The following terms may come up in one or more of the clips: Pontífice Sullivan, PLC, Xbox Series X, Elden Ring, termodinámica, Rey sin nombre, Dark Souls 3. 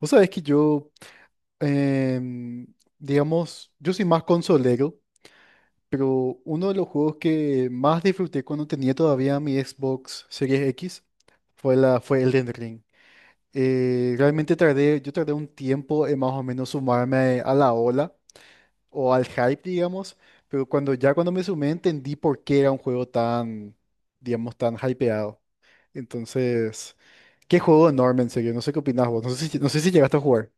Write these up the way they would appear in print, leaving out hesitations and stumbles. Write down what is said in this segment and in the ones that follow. Vos sabés que yo, em, digamos, yo soy más consolero, pero uno de los juegos que más disfruté cuando tenía todavía mi Xbox Series X fue Elden Ring. Yo tardé un tiempo en más o menos sumarme a la ola o al hype, digamos, pero cuando me sumé entendí por qué era un juego tan, digamos, tan hypeado. Entonces, qué juego enorme, en serio. No sé qué opinás vos. No sé si llegaste a jugar.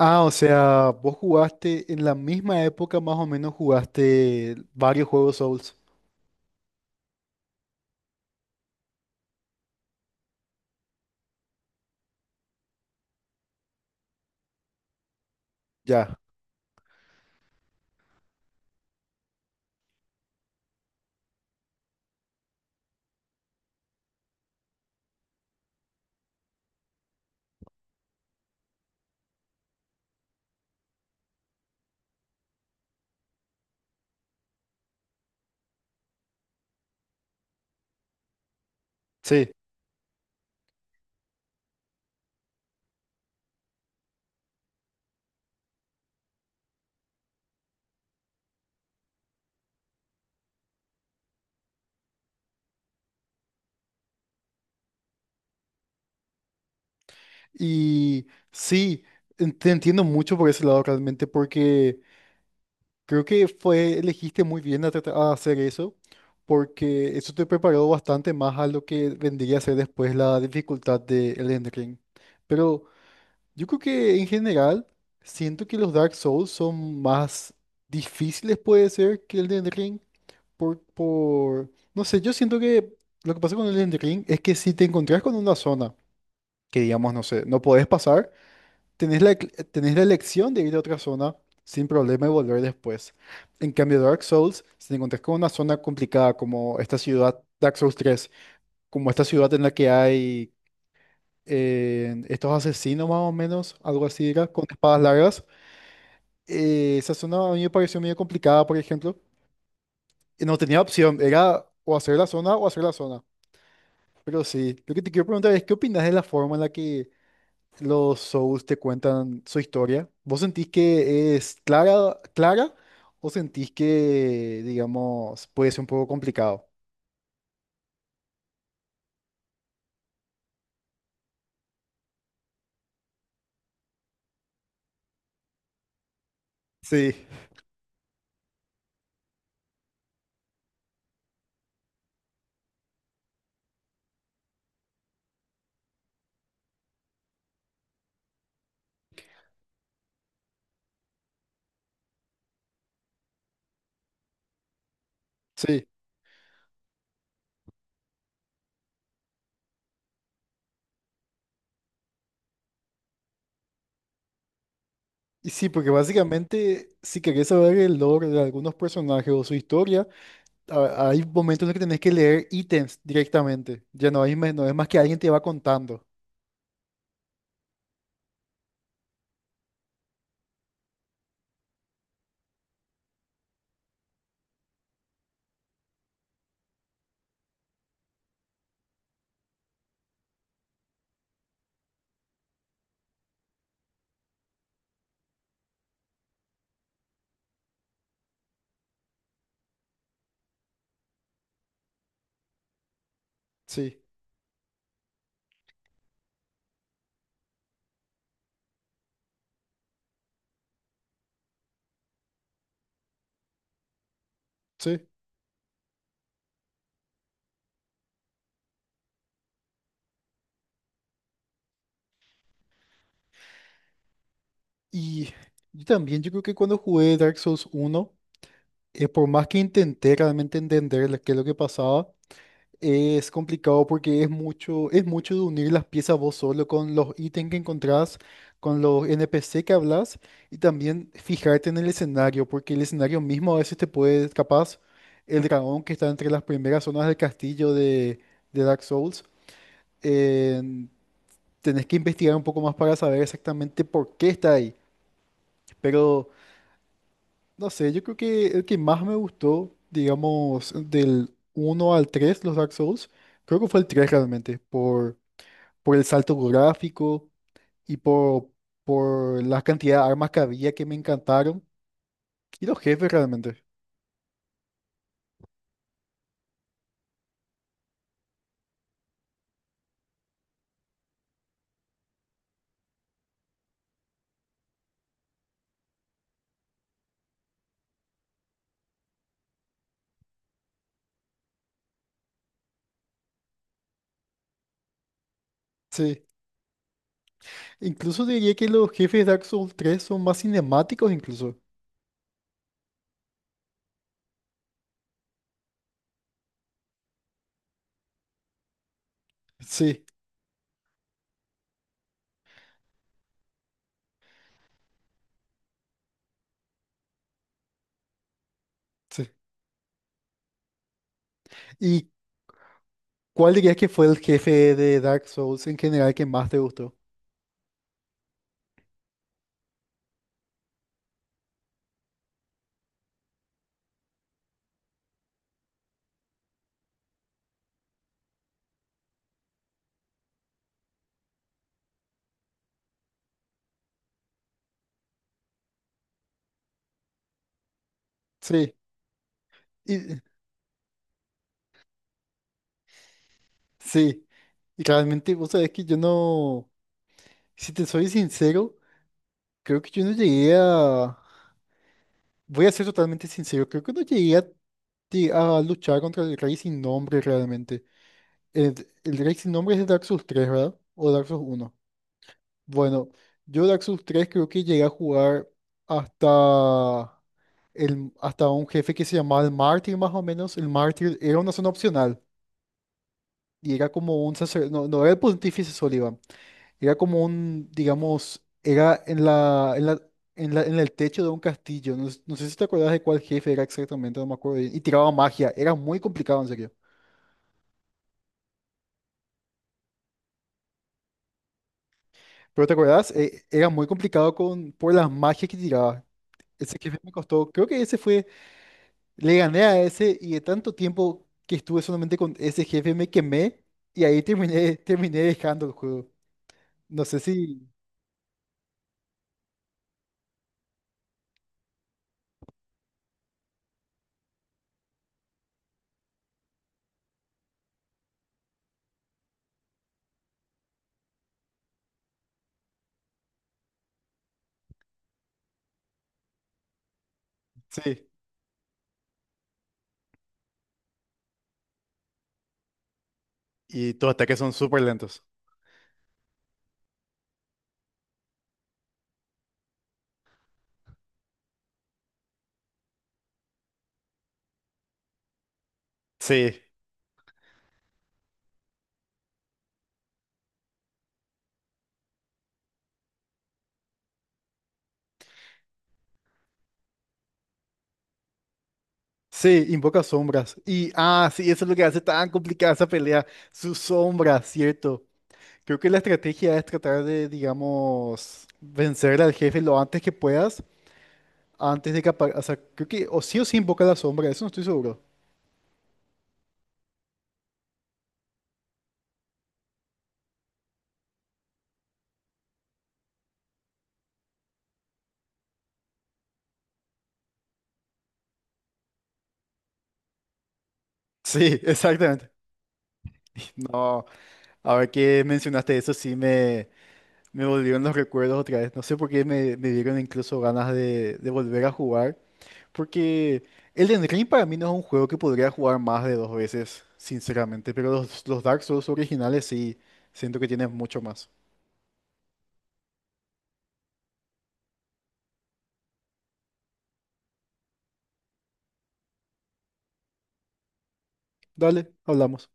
Ah, o sea, vos jugaste en la misma época, más o menos jugaste varios juegos Souls. Ya, sí. Y sí, en- te entiendo mucho por ese lado realmente, porque creo que fue, elegiste muy bien a, a hacer eso, porque eso te preparó bastante más a lo que vendría a ser después la dificultad de Elden Ring. Pero yo creo que en general siento que los Dark Souls son más difíciles, puede ser, que Elden Ring. No sé, yo siento que lo que pasa con el Elden Ring es que si te encontrás con una zona que, digamos, no sé, no podés pasar, tenés la elección de ir a otra zona sin problema y volver después. En cambio, Dark Souls, si te encontrás con una zona complicada como esta ciudad, Dark Souls tres, como esta ciudad en la que hay estos asesinos más o menos, algo así era, con espadas largas, esa zona a mí me pareció medio complicada, por ejemplo, y no tenía opción, era o hacer la zona o hacer la zona. Pero sí, lo que te quiero preguntar es, ¿qué opinas de la forma en la que los Souls te cuentan su historia? ¿Vos sentís que es clara, clara o sentís que, digamos, puede ser un poco complicado? Sí. Sí, y sí, porque básicamente si querés saber el lore de algunos personajes o su historia, a- hay momentos en los que tenés que leer ítems directamente. No es más que alguien te va contando. Sí, sí. Y yo también, yo creo que cuando jugué Dark Souls 1, por más que intenté realmente entender qué es lo que pasaba, es complicado porque es mucho de unir las piezas vos solo con los ítems que encontrás, con los NPC que hablas, y también fijarte en el escenario, porque el escenario mismo a veces te puede, capaz, el dragón que está entre las primeras zonas del castillo de Dark Souls, en- tenés que investigar un poco más para saber exactamente por qué está ahí. Pero no sé, yo creo que el que más me gustó, digamos, del uno al 3 los Dark Souls, creo que fue el 3 realmente, por el salto gráfico y por la cantidad de armas que había que me encantaron, y los jefes realmente. Sí, incluso diría que los jefes de Dark Souls tres son más cinemáticos incluso. Sí, sí. ¿Y cuál dirías que fue el jefe de Dark Souls en general que más te gustó? Sí, y, sí. Y realmente, vos sabés que yo no. Si te soy sincero, creo que yo no llegué a... Voy a ser totalmente sincero, creo que no llegué a, a luchar contra el Rey sin Nombre realmente. El Rey sin Nombre es de Dark Souls 3, ¿verdad? O Dark Souls 1. Bueno, yo Dark Souls 3 creo que llegué a jugar hasta, hasta un jefe que se llamaba el Mártir más o menos. El Mártir era una zona opcional y era como un sacerdote, no, no era el Pontífice Sullivan. Era como un, digamos, era en el techo de un castillo. No, no sé si te acuerdas de cuál jefe era exactamente, no me acuerdo bien. Y tiraba magia. Era muy complicado, en serio. Pero ¿te acuerdas? Era muy complicado con, por las magias que tiraba. Ese jefe me costó. Creo que ese fue. Le gané a ese y de tanto tiempo que estuve solamente con ese jefe me quemé y ahí terminé, terminé dejando el juego. No sé si. Sí. Y tus ataques son súper lentos. Sí. Sí, invoca sombras. Y, ah, sí, eso es lo que hace tan complicada esa pelea. Sus sombras, ¿cierto? Creo que la estrategia es tratar de, digamos, vencer al jefe lo antes que puedas, antes de que O sea, creo que o sí invoca la sombra, eso no estoy seguro. Sí, exactamente. No, ahora que mencionaste eso, me volvieron los recuerdos otra vez. No sé por qué me dieron incluso ganas de volver a jugar. Porque Elden Ring para mí no es un juego que podría jugar más de dos veces, sinceramente, pero los Dark Souls originales sí, siento que tienen mucho más. Dale, hablamos.